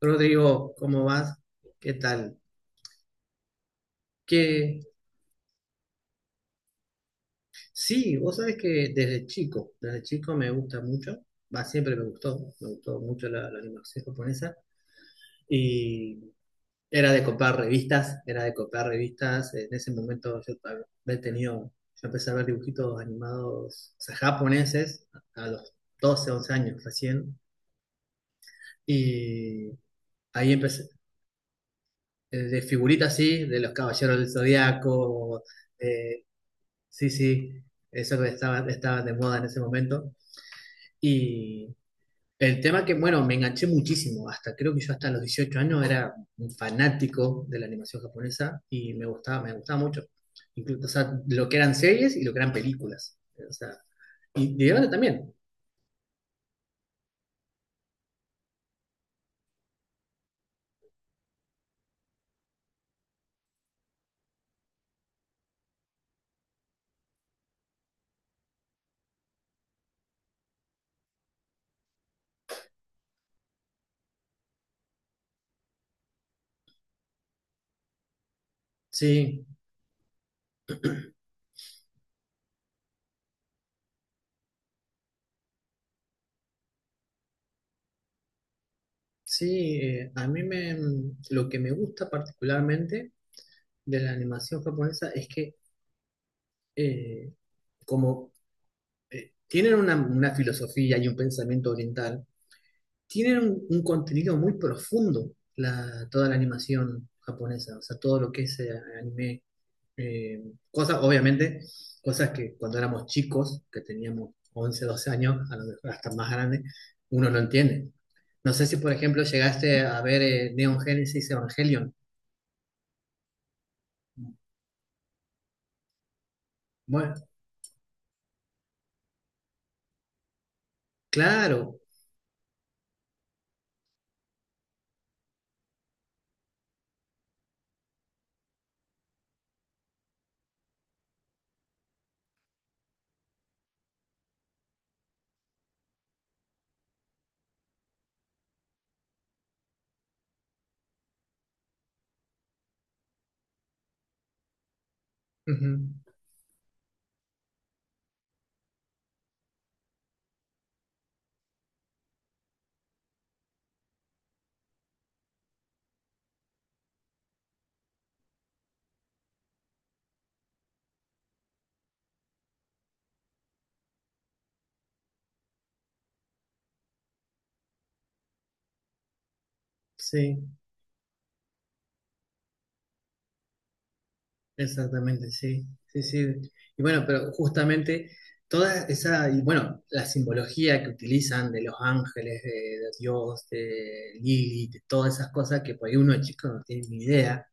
Rodrigo, ¿cómo vas? ¿Qué tal? Que Sí, vos sabés que desde chico, me gusta mucho, va, siempre me gustó, mucho la animación japonesa y era de comprar revistas, en ese momento yo había tenido, yo empecé a ver dibujitos animados, o sea, japoneses, a los 12, 11 años recién. Y ahí empecé, de figuritas así, de los Caballeros del Zodiaco. eh, Sí, sí, eso que estaba de moda en ese momento. Y el tema que, bueno, me enganché muchísimo, hasta creo que yo hasta los 18 años era un fanático de la animación japonesa y me gustaba mucho. Incluso, o sea, lo que eran series y lo que eran películas. O sea, y de grande también. Sí, sí. Lo que me gusta particularmente de la animación japonesa es que eh, como tienen una filosofía y un pensamiento oriental, tienen un contenido muy profundo toda la animación japonesa, o sea, todo lo que es anime, eh, cosas, obviamente, cosas que cuando éramos chicos, que teníamos 11, 12 años, a lo mejor hasta más grande, uno no entiende. No sé si, por ejemplo, llegaste a ver Neon Genesis Evangelion. Bueno, claro. Ujú. Sí. Exactamente, sí, sí, sí. Y bueno, pero justamente toda esa, y bueno, la simbología que utilizan de los ángeles, de Dios, de Lilith, de todas esas cosas que por ahí uno de chico no tiene ni idea,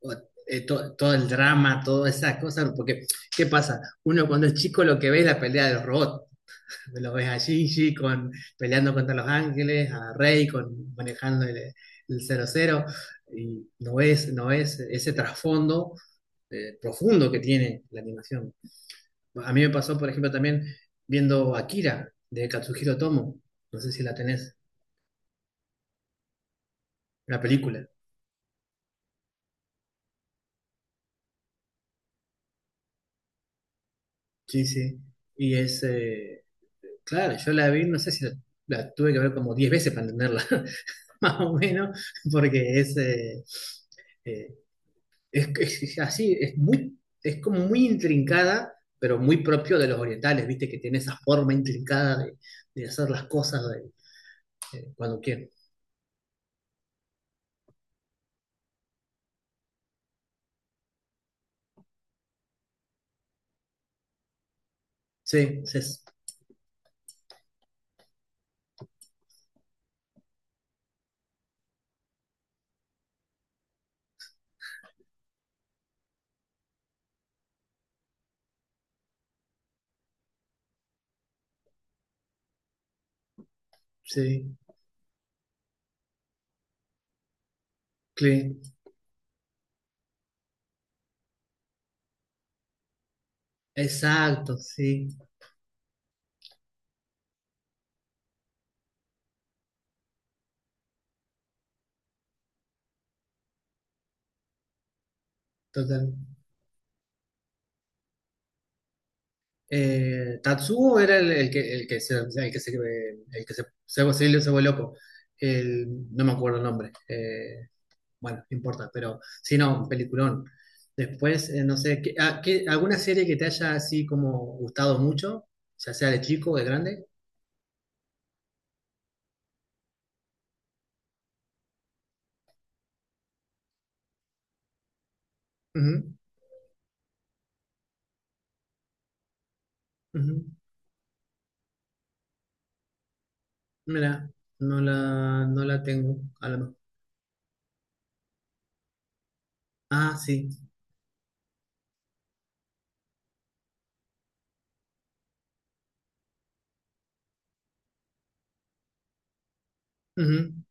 o, todo el drama, todas esas cosas, porque ¿qué pasa? Uno cuando es chico lo que ve es la pelea de los robots, lo ves a Shinji con, peleando contra los ángeles, a Rey con, manejando el 00, y no es ese trasfondo profundo que tiene la animación. A mí me pasó, por ejemplo, también viendo Akira de Katsuhiro Tomo. No sé si la tenés, la película. Sí, sí. Y claro, yo la vi, no sé si la tuve que ver como 10 veces para entenderla, más o menos, porque eh, es así, es como muy intrincada, pero muy propio de los orientales, viste, que tiene esa forma intrincada de hacer las cosas de cuando quieren. Sí, sí, sí, sí. Exacto, sí, total. Tatsuo era el que se se volvió loco. No me acuerdo el nombre. Bueno, no importa, pero sí, no, un peliculón. Después, no sé, ¿alguna serie que te haya así como gustado mucho? Ya sea de chico o de grande. Ujú, ujú. Mira, no la tengo. A lo mejor. Ah, sí. Ujú.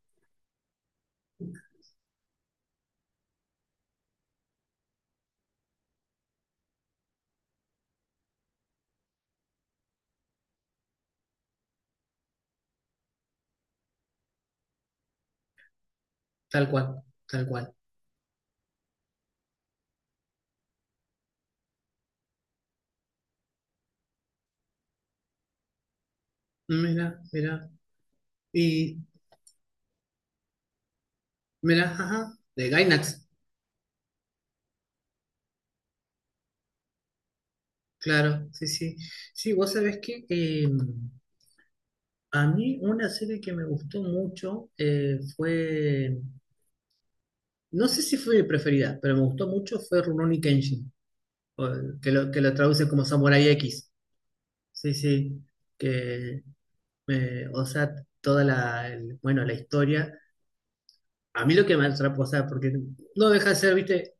Tal cual, tal cual. Mira, mira. Y mira, ajá, de Gainax, claro, sí, sí. Sí, vos sabés que a mí una serie que me gustó mucho no sé si fue mi preferida, pero me gustó mucho fue Rurouni Kenshin, o- que lo traduce como Samurai X. Sí, sí, que, o sea, toda la, el- bueno, la historia. A mí lo que me atrapó, o sea, porque no deja de ser, viste,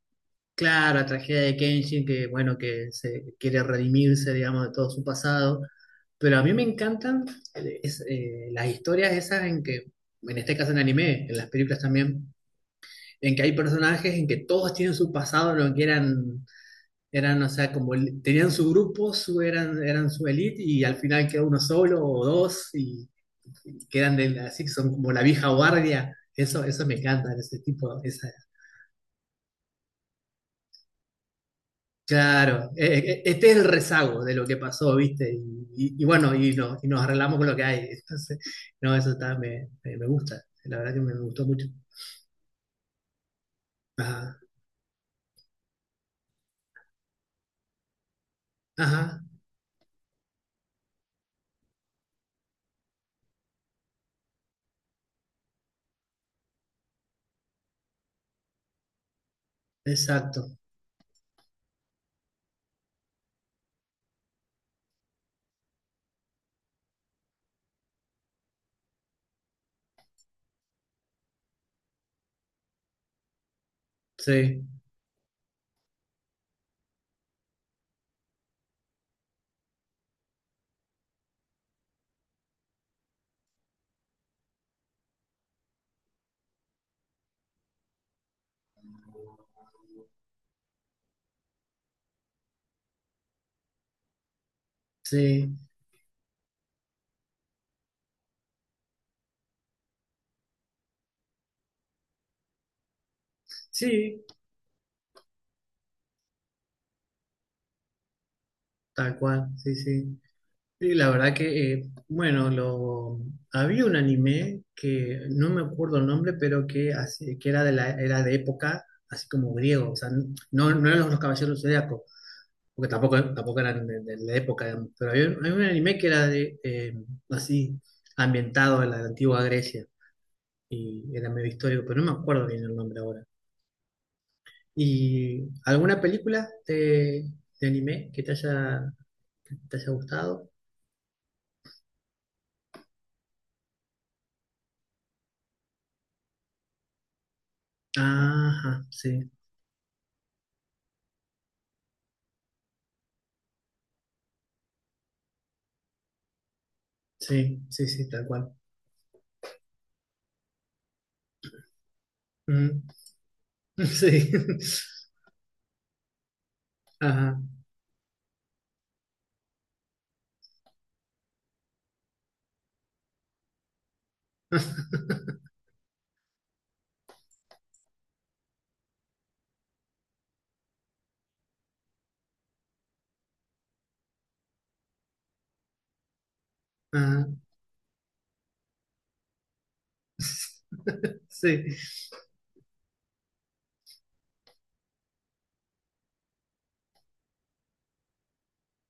claro, la tragedia de Kenshin, que, bueno, que se quiere redimirse, digamos, de todo su pasado. Pero a mí me encantan las historias esas en que, en este caso en anime, en las películas también, en que hay personajes en que todos tienen su pasado, en lo que eran, o sea, como tenían su grupo, eran su elite, y al final queda uno solo o dos, y quedan de, así que son como la vieja guardia. Eso me encanta, ese tipo, esa. Claro, este es el rezago de lo que pasó, ¿viste? Y bueno, y, no- y nos arreglamos con lo que hay. Entonces, no, eso está, me gusta, la verdad que me gustó mucho. Ajá, ajá, exacto, sí, sí, sí, tal cual, sí, sí. Sí, la verdad que, bueno, había un anime que no me acuerdo el nombre, pero que, así- que era, de la, era de época, así como griego, o sea, no, no eran los Caballeros, porque tampoco eran de la época, pero había un anime que era así, ambientado en la antigua Grecia, y era medio histórico, pero no me acuerdo bien el nombre ahora. ¿Y alguna película de anime que te haya gustado? Ajá, sí, sí, sí, sí, tal cual. Mm, sí, ajá, ajá, sí,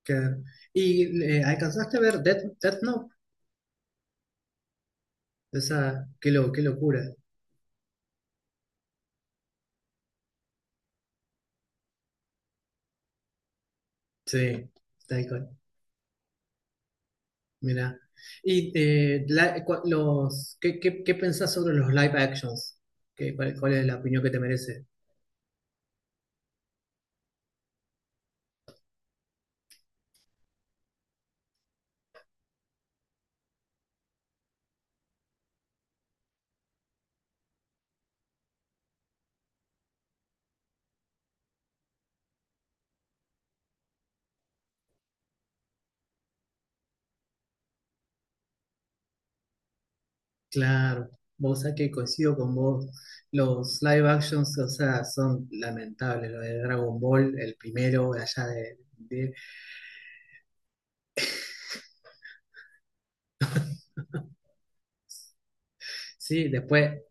claro. ¿Y alcanzaste a ver Death Note? Esa, qué locura. Sí, tal cual. Mira. Y ¿qué pensás sobre los live actions? ¿Cuál es la opinión que te merece? Claro, vos sabés que coincido con vos. Los live actions, o sea, son lamentables. Lo de Dragon Ball, el primero, allá de, sí, después.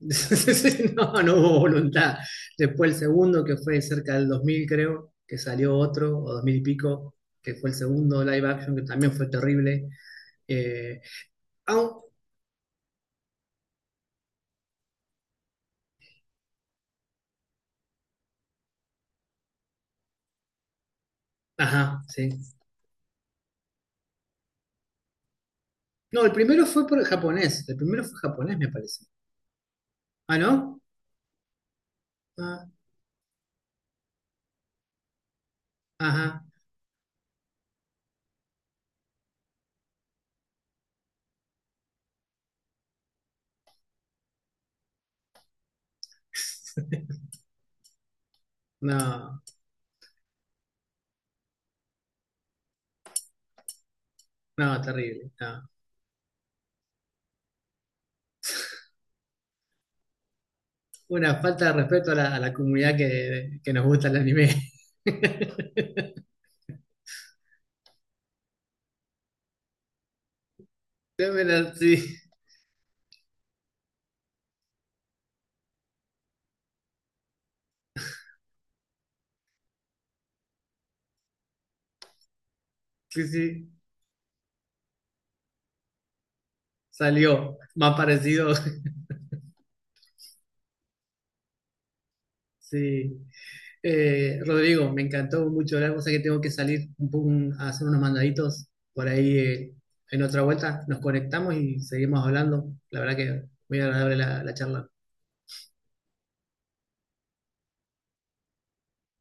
Sí. No, no hubo voluntad. Después el segundo, que fue cerca del 2000 creo, que salió otro, o 2000 y pico, que fue el segundo live action, que también fue terrible. eh, Au- Ajá, sí. No, el primero fue por japonés. El primero fue japonés, me parece. ¿Ah, no? Ah, ajá. No, no, terrible. No. Una falta de respeto a la comunidad que nos gusta el anime. Sí, sí, sí. Salió. Más parecido. Sí. Rodrigo, me encantó mucho hablar, cosa que tengo que salir un poco a hacer unos mandaditos por ahí, en otra vuelta. Nos conectamos y seguimos hablando. La verdad que muy agradable la charla.